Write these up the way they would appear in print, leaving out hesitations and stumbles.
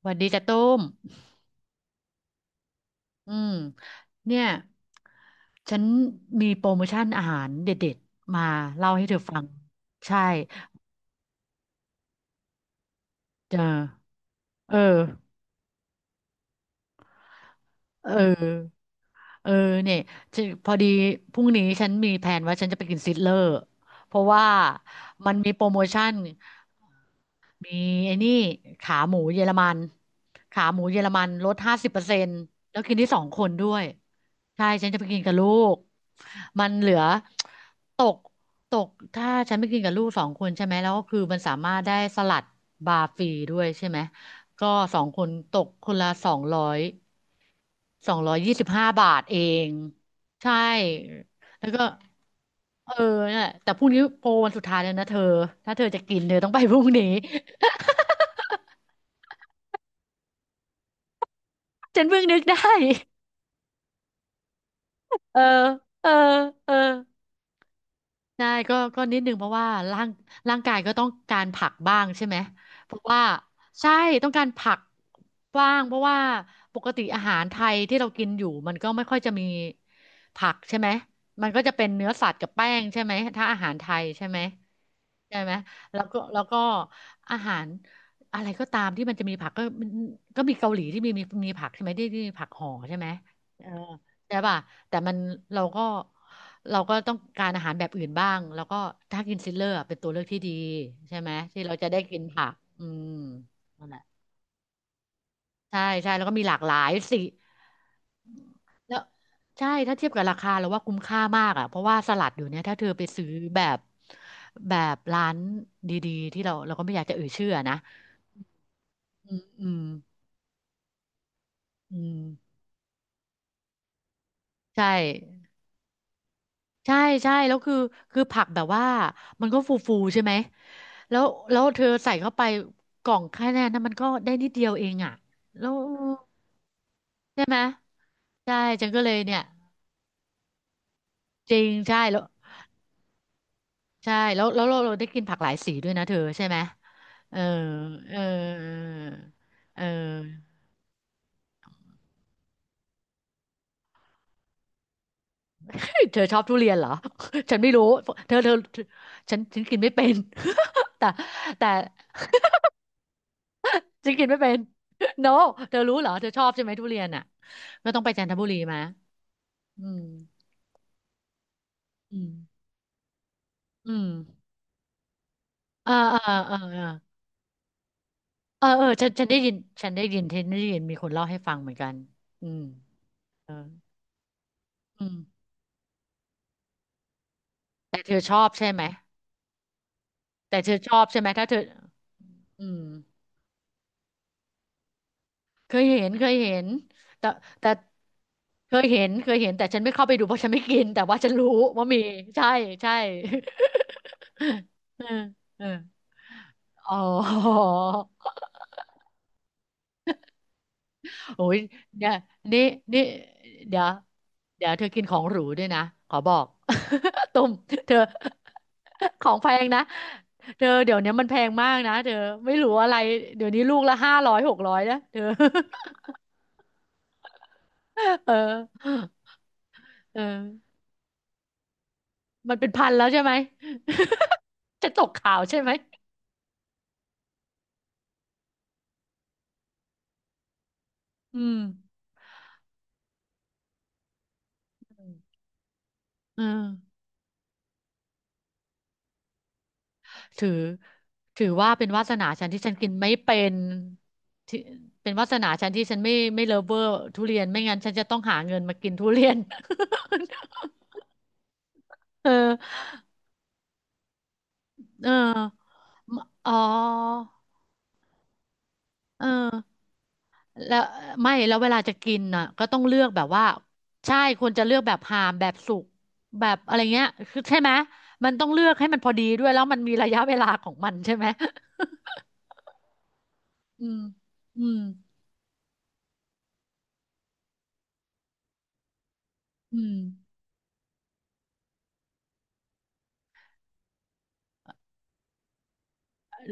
สวัสดีจ้ะตุ้มอืมเนี่ยฉันมีโปรโมชั่นอาหารเด็ดๆมาเล่าให้เธอฟังใช่เออเออเออเออเนี่ยจะพอดีพรุ่งนี้ฉันมีแผนว่าฉันจะไปกินซิดเลอร์เพราะว่ามันมีโปรโมชั่น มีไอ้นี่ขาหมูเยอรมันขาหมูเยอรมันลด50%แล้วกินที่สองคนด้วยใช่ฉันจะไปกินกับลูกมันเหลือตกตกถ้าฉันไปกินกับลูกสองคนใช่ไหมแล้วก็คือมันสามารถได้สลัดบาร์ฟรีด้วยใช่ไหมก็สองคนตกคนละสองร้อย225 บาทเองใช่แล้วก็เออเนี่ยแต่พรุ่งนี้โปรวันสุดท้ายแล้วนะเธอถ้าเธอจะกินเธอต้องไปพรุ่งนี้ ฉันเพิ่งนึกได้เออเออเออใช่ก็นิดนึงเพราะว่าร่างกายก็ต้องการผักบ้างใช่ไหมเพราะว่า ใช่ ต้องการผักบ้าง เพราะว่าปกติอาหารไทยที่เรากินอยู่มันก็ไม่ค่อยจะมีผักใช่ไหมมันก็จะเป็นเนื้อสัตว์กับแป้งใช่ไหมถ้าอาหารไทยใช่ไหมใช่ไหมแล้วก็อาหารอะไรก็ตามที่มันจะมีผักก็มีเกาหลีที่มีผักใช่ไหมที่ที่มีผักห่อใช่ไหมเออใช่ป่ะ แต่มันเราก็เราก็ต้องการอาหารแบบอื่นบ้างแล้วก็ถ้ากินซิลเลอร์อะเป็นตัวเลือกที่ดีใช่ไหมที่เราจะได้กินผักอืมนั่นแหละใช่ใช่แล้วก็มีหลากหลาย สิแล้วใช่ถ้าเทียบกับราคาเราว่าคุ้มค่ามากอ่ะเพราะว่าสลัดอยู่เนี่ยถ้าเธอไปซื้อแบบแบบร้านดีๆที่เราก็ไม่อยากจะเอ่ยชื่ออะนะอืมอืมอืมใช่ ใช่ใช่แล้วคือผักแบบว่ามันก็ฟูฟูใช่ไหมแล้วแล้วเธอใส่เข้าไปกล่องแค่นั้นนะมันก็ได้นิดเดียวเองอ่ะแล้วใช่ไหมใช่ฉันก็เลยเนี่ยจริงใช่แล้วใช่แล้วแล้วเราเราได้กินผักหลายสีด้วยนะเธอใช่ไหมเออเออเออ เธอชอบทุเรียนเหรอ ฉันไม่รู้เธอฉันกินไม่เป็น แต่แต่ ฉันกินไม่เป็น no เธอรู้เหรอเธอชอบใช่ไหมทุเรียนอ่ะก็ต้องไปจันทบุรีมาอืม อืมอืมเออเออเออเออเออเออฉันได้ยินมีคนเล่าให้ฟังเหมือนกันอืมเอออืมแต่เธอชอบใช่ไหม แต่เธอชอบใช่ไหมถ้าเธออืมเคยเห็นเคยเห็นแต่แต่ เคยเห็นเคยเห็นแต่ฉันไม่เข้าไปดูเพราะฉันไม่กิน แต่ว่าฉันรู้ว่ามี ใช่ใช่ เออเออ อ๋อ โอ้ยเนี่ยนี่ นี่ เดี๋ยว เดี๋ยวเธอกินของหรูด้วยนะ ขอบอก ตุ้มเธอ ของแพงนะ เธอเดี๋ยวนี้มันแพงมากนะ เธอ ไม่รู้อะไร เดี๋ยวนี้ลูกละ500-600นะเธอ เออเออมันเป็นพันแล้วใช่ไหม จะตกข่าวใช่ไหมอืมอืม ถือถือว่าเป็นวาสนาฉันที่ฉันกินไม่เป็นที่เป็นวาสนาฉันที่ฉันไม่เลิฟเวอร์ทุเรียนไม่งั้นฉันจะต้องหาเงินมากินทุเรียน เออเออมอ๋อเออแล้วไม่แล้วเวลาจะกินน่ะก็ต้องเลือกแบบว่าใช่ควรจะเลือกแบบหามแบบสุกแบบอะไรเงี้ยคือใช่ไหมมันต้องเลือกให้มันพอดีด้วยแล้วมันมีระยะเวลาของมันใช่ไหม อืมอืมอืม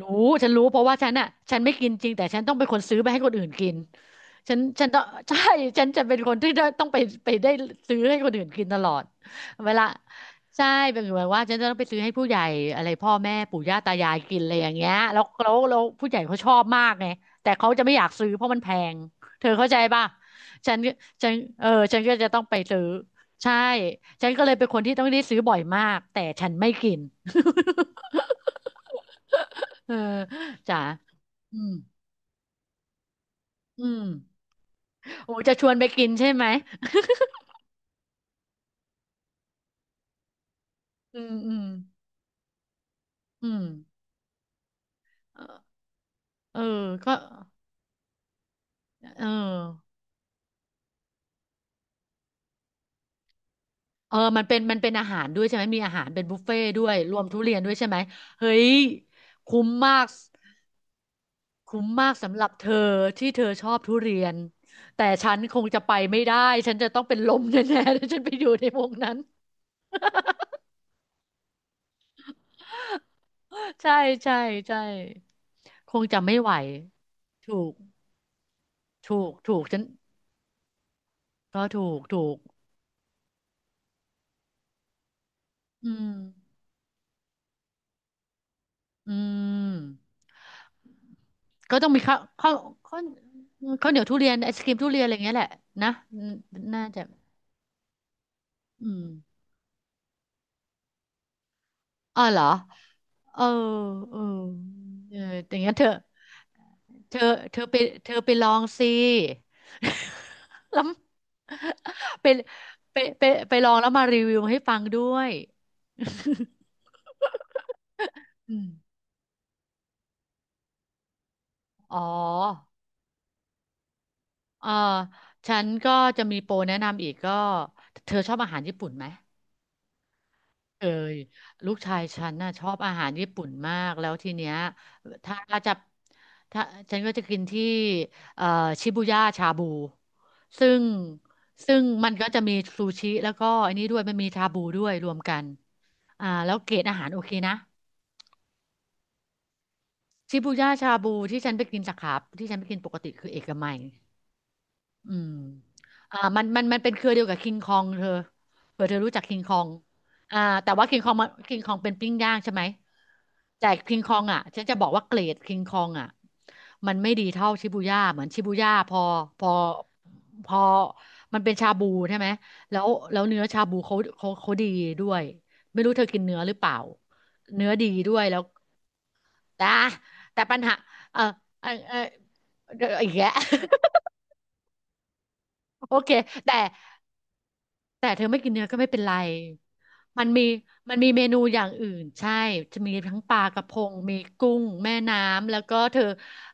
รู้ฉันรู้เพราะว่าฉันอ่ะฉันไม่กินจริงแต่ฉันต้องเป็นคนซื้อไปให้คนอื่นกินฉันต้องใช่ฉันจะเป็นคนที่ได้ต้องไปไปได้ซื้อให้คนอื่นกินตลอดเวลาใช่เป็นเหมว่าฉันจะต้องไปซื้อให้ผู้ใหญ่อะไรพ่อแม่ปู่ย่าตายายกินอะไรอย่างเงี้ยแล้วผู้ใหญ่เขาชอบมากไงแต่เขาจะไม่อยากซื้อเพราะมันแพงเธอเข้าใจป่ะฉันฉันเออฉันก็จะต้องไปซื้อใช่ฉันก็เลยเป็นคนที่ต้องได้ซื้อบ่อยมากแต่ฉันไม่กินเออจ้ะอืม อืมโอ้จะชวนไปกินใช่ไหมอืมอืมอืมเออเออก็เออเออมันเป็นอาหารด้วยใช่ไหมมีอาหารเป็นบุฟเฟ่ต์ด้วยรวมทุเรียนด้วยใช่ไหมเฮ้ยคุ้มมากคุ้มมากสำหรับเธอที่เธอชอบทุเรียนแต่ฉันคงจะไปไม่ได้ฉันจะต้องเป็นลมแน่ๆถ้าฉันไปอยู่ในวงนั้นใช่ใช่ใช่คงจะไม่ไหวถูกถูกถูกฉันก็ถูกถูกอืมอืม ก็ต้องมีข้าวข้าวเหนียวทุเรียนไอศกรีมทุเรียนอะไรอย่างเงี้ยแหละนะอืมน่าจะอืมอ๋อเหรอเออเออเอออย่างเงี้ยเธอเธอไปเธอไปลองสิ แล้วไปไปไปไปลองแล้วมารีวิวให้ฟังด้วย อืมอ๋อเออฉันก็จะมีโปรแนะนำอีกก็เธอชอบอาหารญี่ปุ่นไหม เคยลูกชายฉันน่ะชอบอาหารญี่ปุ่นมากแล้วทีเนี้ยถ้าจะถ้าฉันก็จะกินที่เอ่อชิบูย่าชาบูซึ่งซึ่งมันก็จะมีซูชิแล้วก็อันนี้ด้วยมันมีชาบูด้วยรวมกันอ่าแล้วเกรดอาหารโอเคนะชิบูย่าชาบูที่ฉันไปกินสาขาที่ฉันไปกินปกติคือเอกมัย อืมอ่ามันเป็นเครือเดียวกับคิงคองเธอเผื่อเธอรู้จักคิงคองอ่าแต่ว่าคิงคองเป็นปิ้งย่างใช่ไหมแต่คิงคองอ่ะฉันจะบอกว่าเกรดคิงคองอ่ะมันไม่ดีเท่าชิบูย่าเหมือนชิบูย่าพอพอมันเป็นชาบูใช่ไหมแล้วเนื้อชาบูเขาดีด้วยไม่รู้เธอกินเนื้อหรือเปล่าเนื้อดีด้วยแล้วแต่แต่ปัญหาเออเออเออเดี๋ยวอีกแยะ โอเคแต่ แต่เธอไม่กินเนื้อก็ไม่เป็นไรมันมีมันมีเมนูอย่างอื่นใช่จะมีทั้งปลากระพงมีกุ้งแม่น้ำแล้วก็เธอ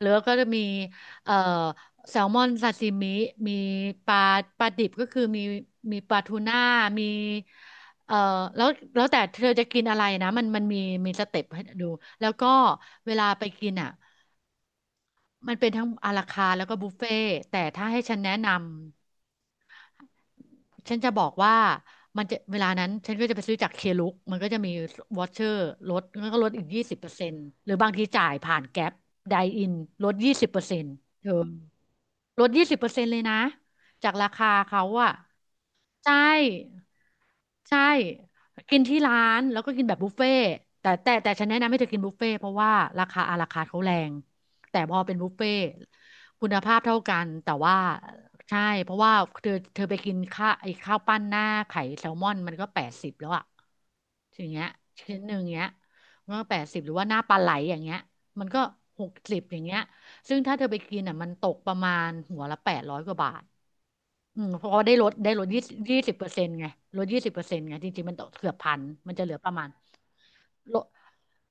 หลือก็จะมีเอ่อแซลมอนซาซิมิมีปลาปลาดิบก็คือมีมีปลาทูน่ามีเอ่อแล้วแล้วแต่เธอจะกินอะไรนะมันมีสเต็ปให้ดูแล้วก็เวลาไปกินอ่ะมันเป็นทั้งอาราคาร์ทแล้วก็บุฟเฟ่ต์แต่ถ้าให้ฉันแนะนำ ฉันจะบอกว่ามันจะเวลานั้นฉันก็จะไปซื้อจากเคลุกมันก็จะมีวอเชอร์ลดแล้วก็ลดอีกยี่สิบเปอร์เซ็นต์หรือบางทีจ่ายผ่านแก๊ปไดอินลดยี่สิบเปอร์เซ็นต์เธอลดยี่สิบเปอร์เซ็นต์เลยนะจากราคาเขาอะ ใช่ใช่กินที่ร้านแล้วก็กินแบบบุฟเฟ่ต์แต่ฉันแนะนำให้เธอกินบุฟเฟ่ต์เพราะว่าราคาอาราคาร์ทเขาแรงแต่พอเป็นบุฟเฟ่ต์คุณภาพเท่ากันแต่ว่าใช่เพราะว่าเธอไปกินข้าวปั้นหน้าไข่แซลมอนมันก็แปดสิบแล้วอะอย่างเงี้ยชิ้นหนึ่งเงี้ยมันก็แปดสิบหรือว่าหน้าปลาไหลอย่างเงี้ยมันก็60อย่างเงี้ย ซึ่งถ้าเธอไปกินอ่ะมันตกประมาณหัวละแปดร้อยกว่าบาทอืมเพราะว่าได้ลดยี่สิบเปอร์เซ็นต์ไงลดยี่สิบเปอร์เซ็นต์ไงจริงๆมันตกเกือบพันมันจะเหลือประมาณลด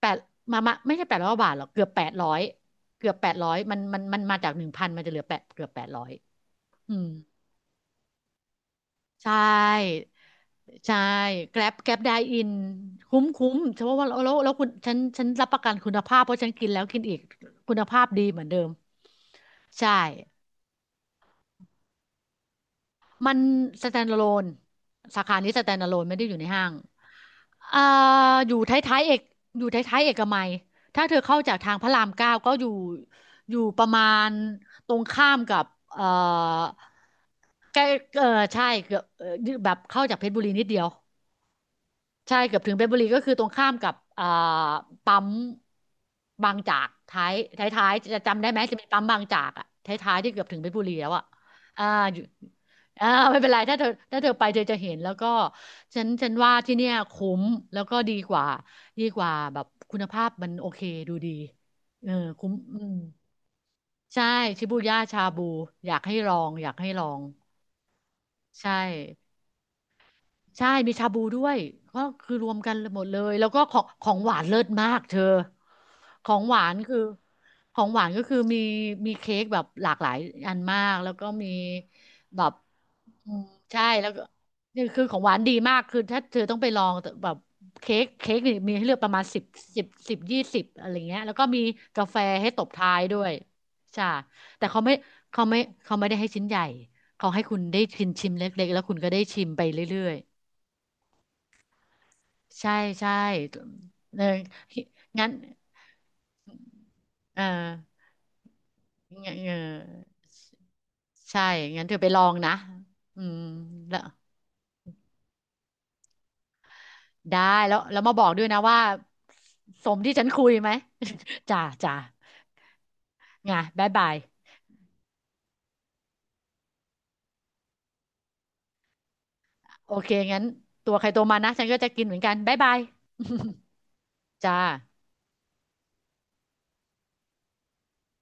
แปดมามาไม่ใช่แปดร้อยบาทหรอกเกือบแปดร้อยเกือบแปดร้อยมันมาจาก1,000มันจะเหลือแปดเกือบแปดร้อยอืมใช่ใช่แกร็บแกร็บไดอินคุ้มคุ้มเพราะว่าแล้วฉันรับประกันคุณภาพเพราะฉันกินแล้วกินอีกคุณภาพดีเหมือนเดิมใช่ มัน standalone สาขานี้ standalone ไม่ได้อยู่ในห้างอ่าอยู่ท้ายๆเอกอยู่ท้ายๆเอกมัยถ้าเธอเข้าจากทางพระรามเก้าก็อยู่อยู่ประมาณตรงข้ามกับเอ่อใกล้เออใช่เกือบเอ่อแบบเข้าจากเพชรบุรีนิดเดียว ใช่เกือบถึงเพชรบุรีก็คือตรงข้ามกับอ่าปั๊มบางจากท้ายท้ายท้ายจะจำได้ไหมจะมีปั๊มบางจากอะท้ายท้ายที่เกือบถึงเพชรบุรีแล้วอะอ่าอยู่อ่าไม่เป็นไรถ้าเธอไปเธอจะเห็นแล้วก็ฉันว่าที่เนี่ยคุ้มแล้วก็ดีกว่าดีกว่าแบบคุณภาพมันโอเคดูดีเออคุ้มอืมใช่ชิบูย่าชาบูอยากให้ลองอยากให้ลองใช่ ใช่มีชาบูด้วยก็คือรวมกันหมดเลยแล้วก็ของของหวานเลิศมากเธอของหวานคือของหวานก็คือมีมีเค้กแบบหลากหลายอันมากแล้วก็มีแบบอืมใช่แล้วก็นี่คือของหวานดีมากคือถ้าเธอต้องไปลองแต่แบบเค้กนี่มีให้เลือกประมาณสิบสิบสิบยี่สิบอะไรเงี้ยแล้วก็มีกาแฟให้ตบท้ายด้วยใช่แต่เขาไม่เขาไม่เขาไม่ได้ให้ชิ้นใหญ่เขาให้คุณได้ชิมชิมเล็กๆแล้วคุณก็ได้ชิมไปเรื่อย ใช่ใช่เอองั้นเอองั้นเออใช่งั้นเธอไปลองนะอืมแล้วได้แล้วมาบอกด้วยนะว่าสมที่ฉันคุยไหม จ้าจ้าไงบ๊ายบายโอเคงั้นตัวใครตัวมันนะฉันก็จะกินเหมือนกันบ๊ายบายจ้า